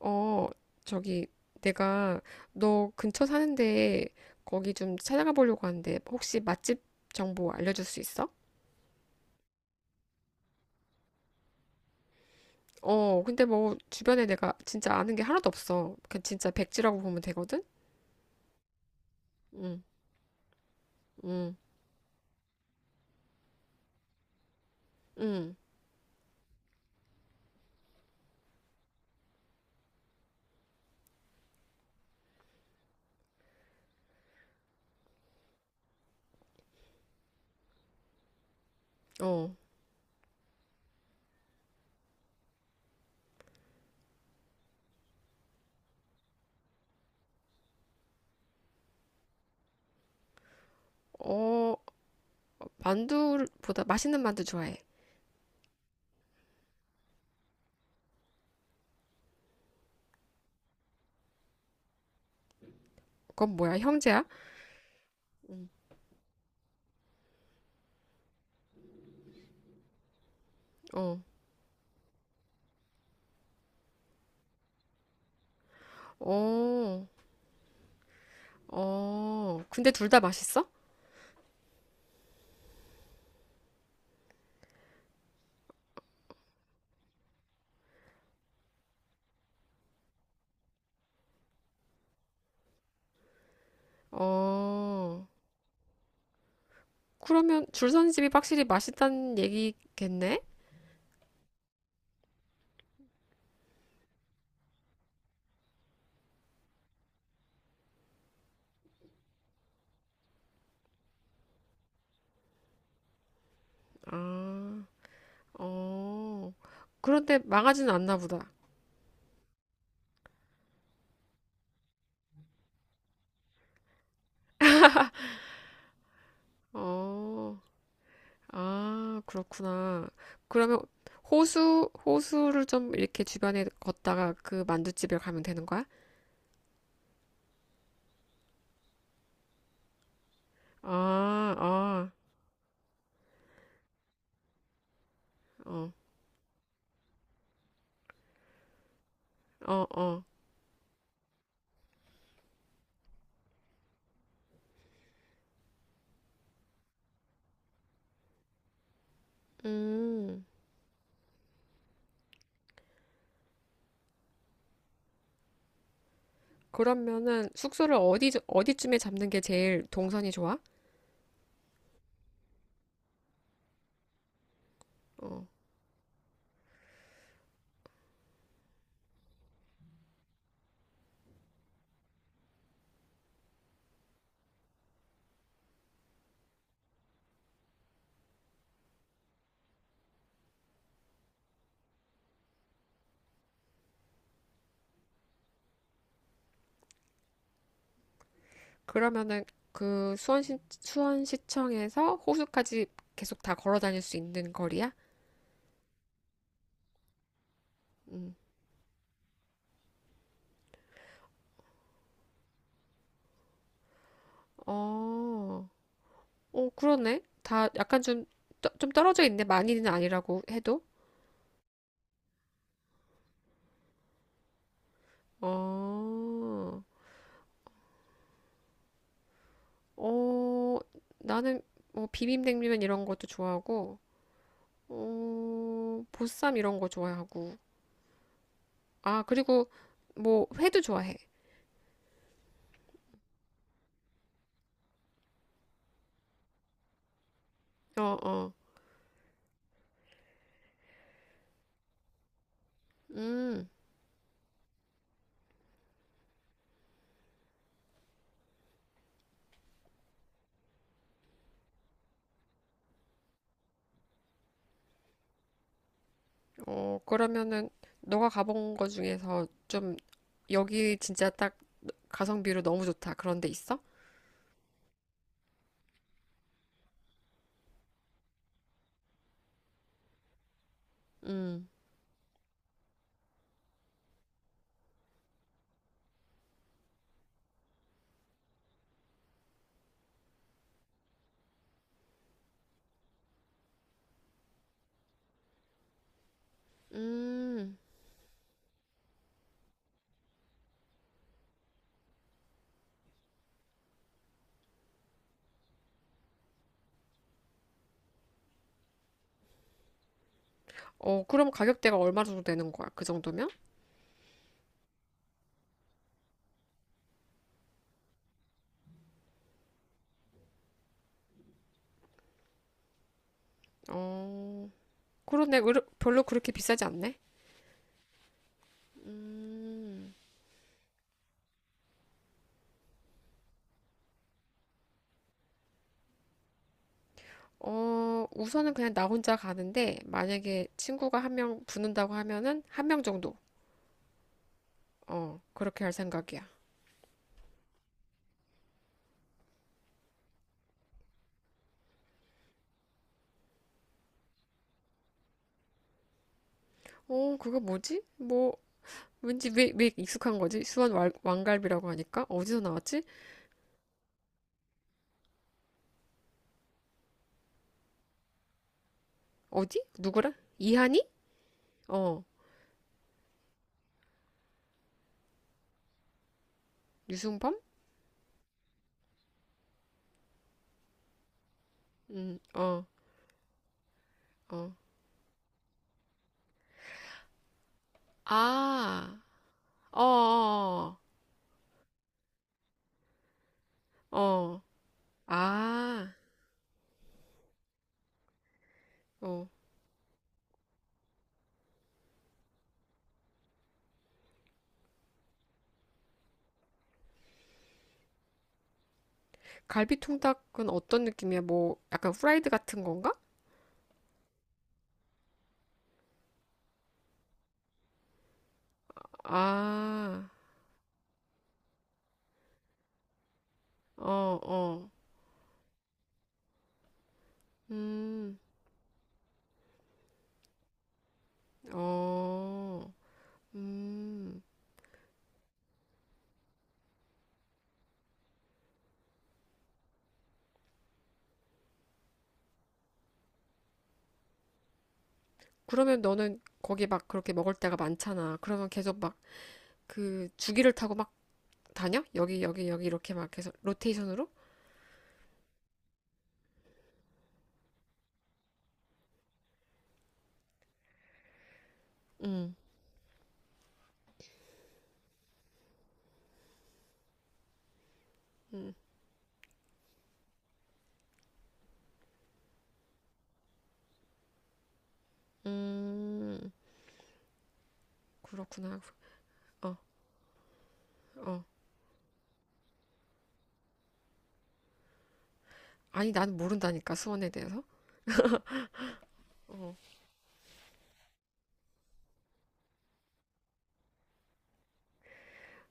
어, 저기, 내가 너 근처 사는데 거기 좀 찾아가 보려고 하는데 혹시 맛집 정보 알려줄 수 있어? 어, 근데 뭐 주변에 내가 진짜 아는 게 하나도 없어. 그 진짜 백지라고 보면 되거든? 응, 응, 응, 어. 어, 만두보다 맛있는 만두 좋아해. 그건 뭐야, 형제야? 어, 어, 어. 근데 둘 다 맛있어? 어. 그러면 줄선 집이 확실히 맛있다는 얘기겠네? 아, 어. 그런데 망하지는 않나 보다. 어, 아, 그렇구나. 그러면 호수, 호수를 좀 이렇게 주변에 걷다가 그 만둣집에 가면 되는 거야? 아, 아, 어, 어, 어. 음, 그러면은 숙소를 어디, 어디쯤에 잡는 게 제일 동선이 좋아? 어, 그러면은 그 수원시, 수원시청에서 호수까지 계속 다 걸어 다닐 수 있는 거리야? 음, 어. 어, 그러네. 다 약간 좀, 좀 떨어져 있네. 많이는 아니라고 해도. 어, 어, 나는 뭐 비빔냉면 이런 것도 좋아하고, 어, 보쌈 이런 거 좋아하고. 아, 그리고 뭐 회도 좋아해. 어, 어. 음, 어, 그러면은 너가 가본 거 중에서 좀 여기 진짜 딱 가성비로 너무 좋다. 그런 데 있어? 음, 음. 어, 그럼 가격대가 얼마 정도 되는 거야? 그 정도면? 어, 그런데 별로 그렇게 비싸지 않네. 음, 어, 우선은 그냥 나 혼자 가는데, 만약에 친구가 한 명 붙는다고 하면은 한 명 정도. 어, 그렇게 할 생각이야. 어, 그거 뭐지? 뭐, 왠지 왜 익숙한 거지? 수원 왕갈비라고 하니까? 어디서 나왔지? 어디? 누구라? 이한이? 어, 유승범? 어, 어. 아, 어, 어, 어. 아, 어. 갈비 통닭은 어떤 느낌이야? 뭐 약간 후라이드 같은 건가? 아, 어, 어, 음, 어, 음. 그러면 너는 거기 막 그렇게 먹을 때가 많잖아. 그러면 계속 막 그 주기를 타고 막 다녀? 여기 여기 여기 이렇게 막 계속 로테이션으로? 음, 음, 음. 그렇구나. 어, 어. 아니 나는 모른다니까 수원에 대해서. 어,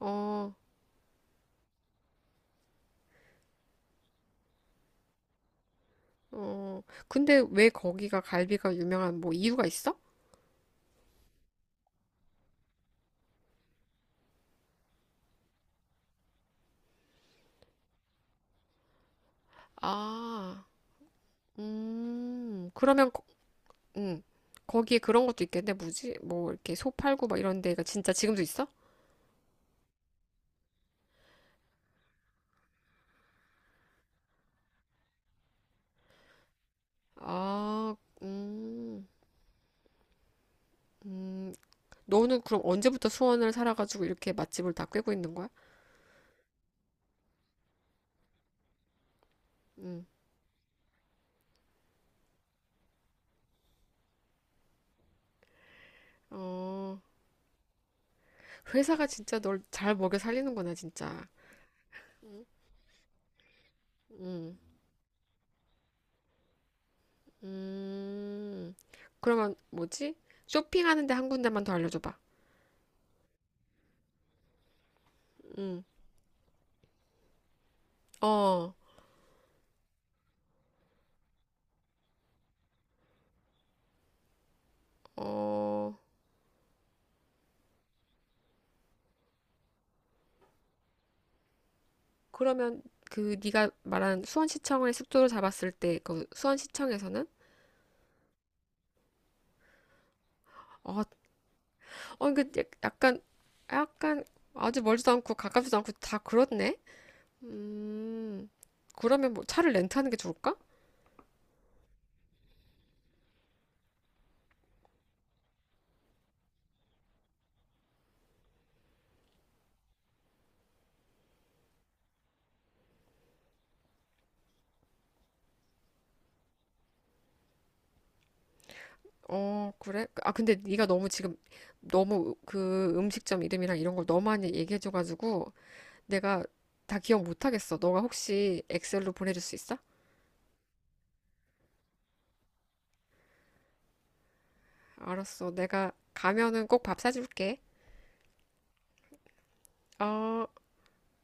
어, 어. 근데 왜 거기가 갈비가 유명한 뭐 이유가 있어? 아, 그러면, 거, 음, 거기에 그런 것도 있겠네. 뭐지? 뭐, 이렇게 소 팔고 막 이런 데가 진짜 지금도 있어? 아, 음, 음. 너는 그럼 언제부터 수원을 살아가지고 이렇게 맛집을 다 꿰고 있는 거야? 음, 어, 회사가 진짜 널 잘 먹여 살리는구나, 진짜. 음, 음. 그러면 뭐지? 쇼핑하는데 한 군데만 더 알려줘봐. 음, 어, 어. 그러면 그 네가 말한 수원시청을 숙소로 잡았을 때 그 수원시청에서는 어, 어, 그 약간 약간 아주 멀지도 않고 가깝지도 않고 다 그렇네. 음, 그러면 뭐 차를 렌트하는 게 좋을까? 어, 그래? 아, 근데 네가 너무 지금 너무 그 음식점 이름이랑 이런 걸 너무 많이 얘기해줘가지고 내가 다 기억 못하겠어. 너가 혹시 엑셀로 보내줄 수 있어? 알았어. 내가 가면은 꼭 밥 사줄게. 어.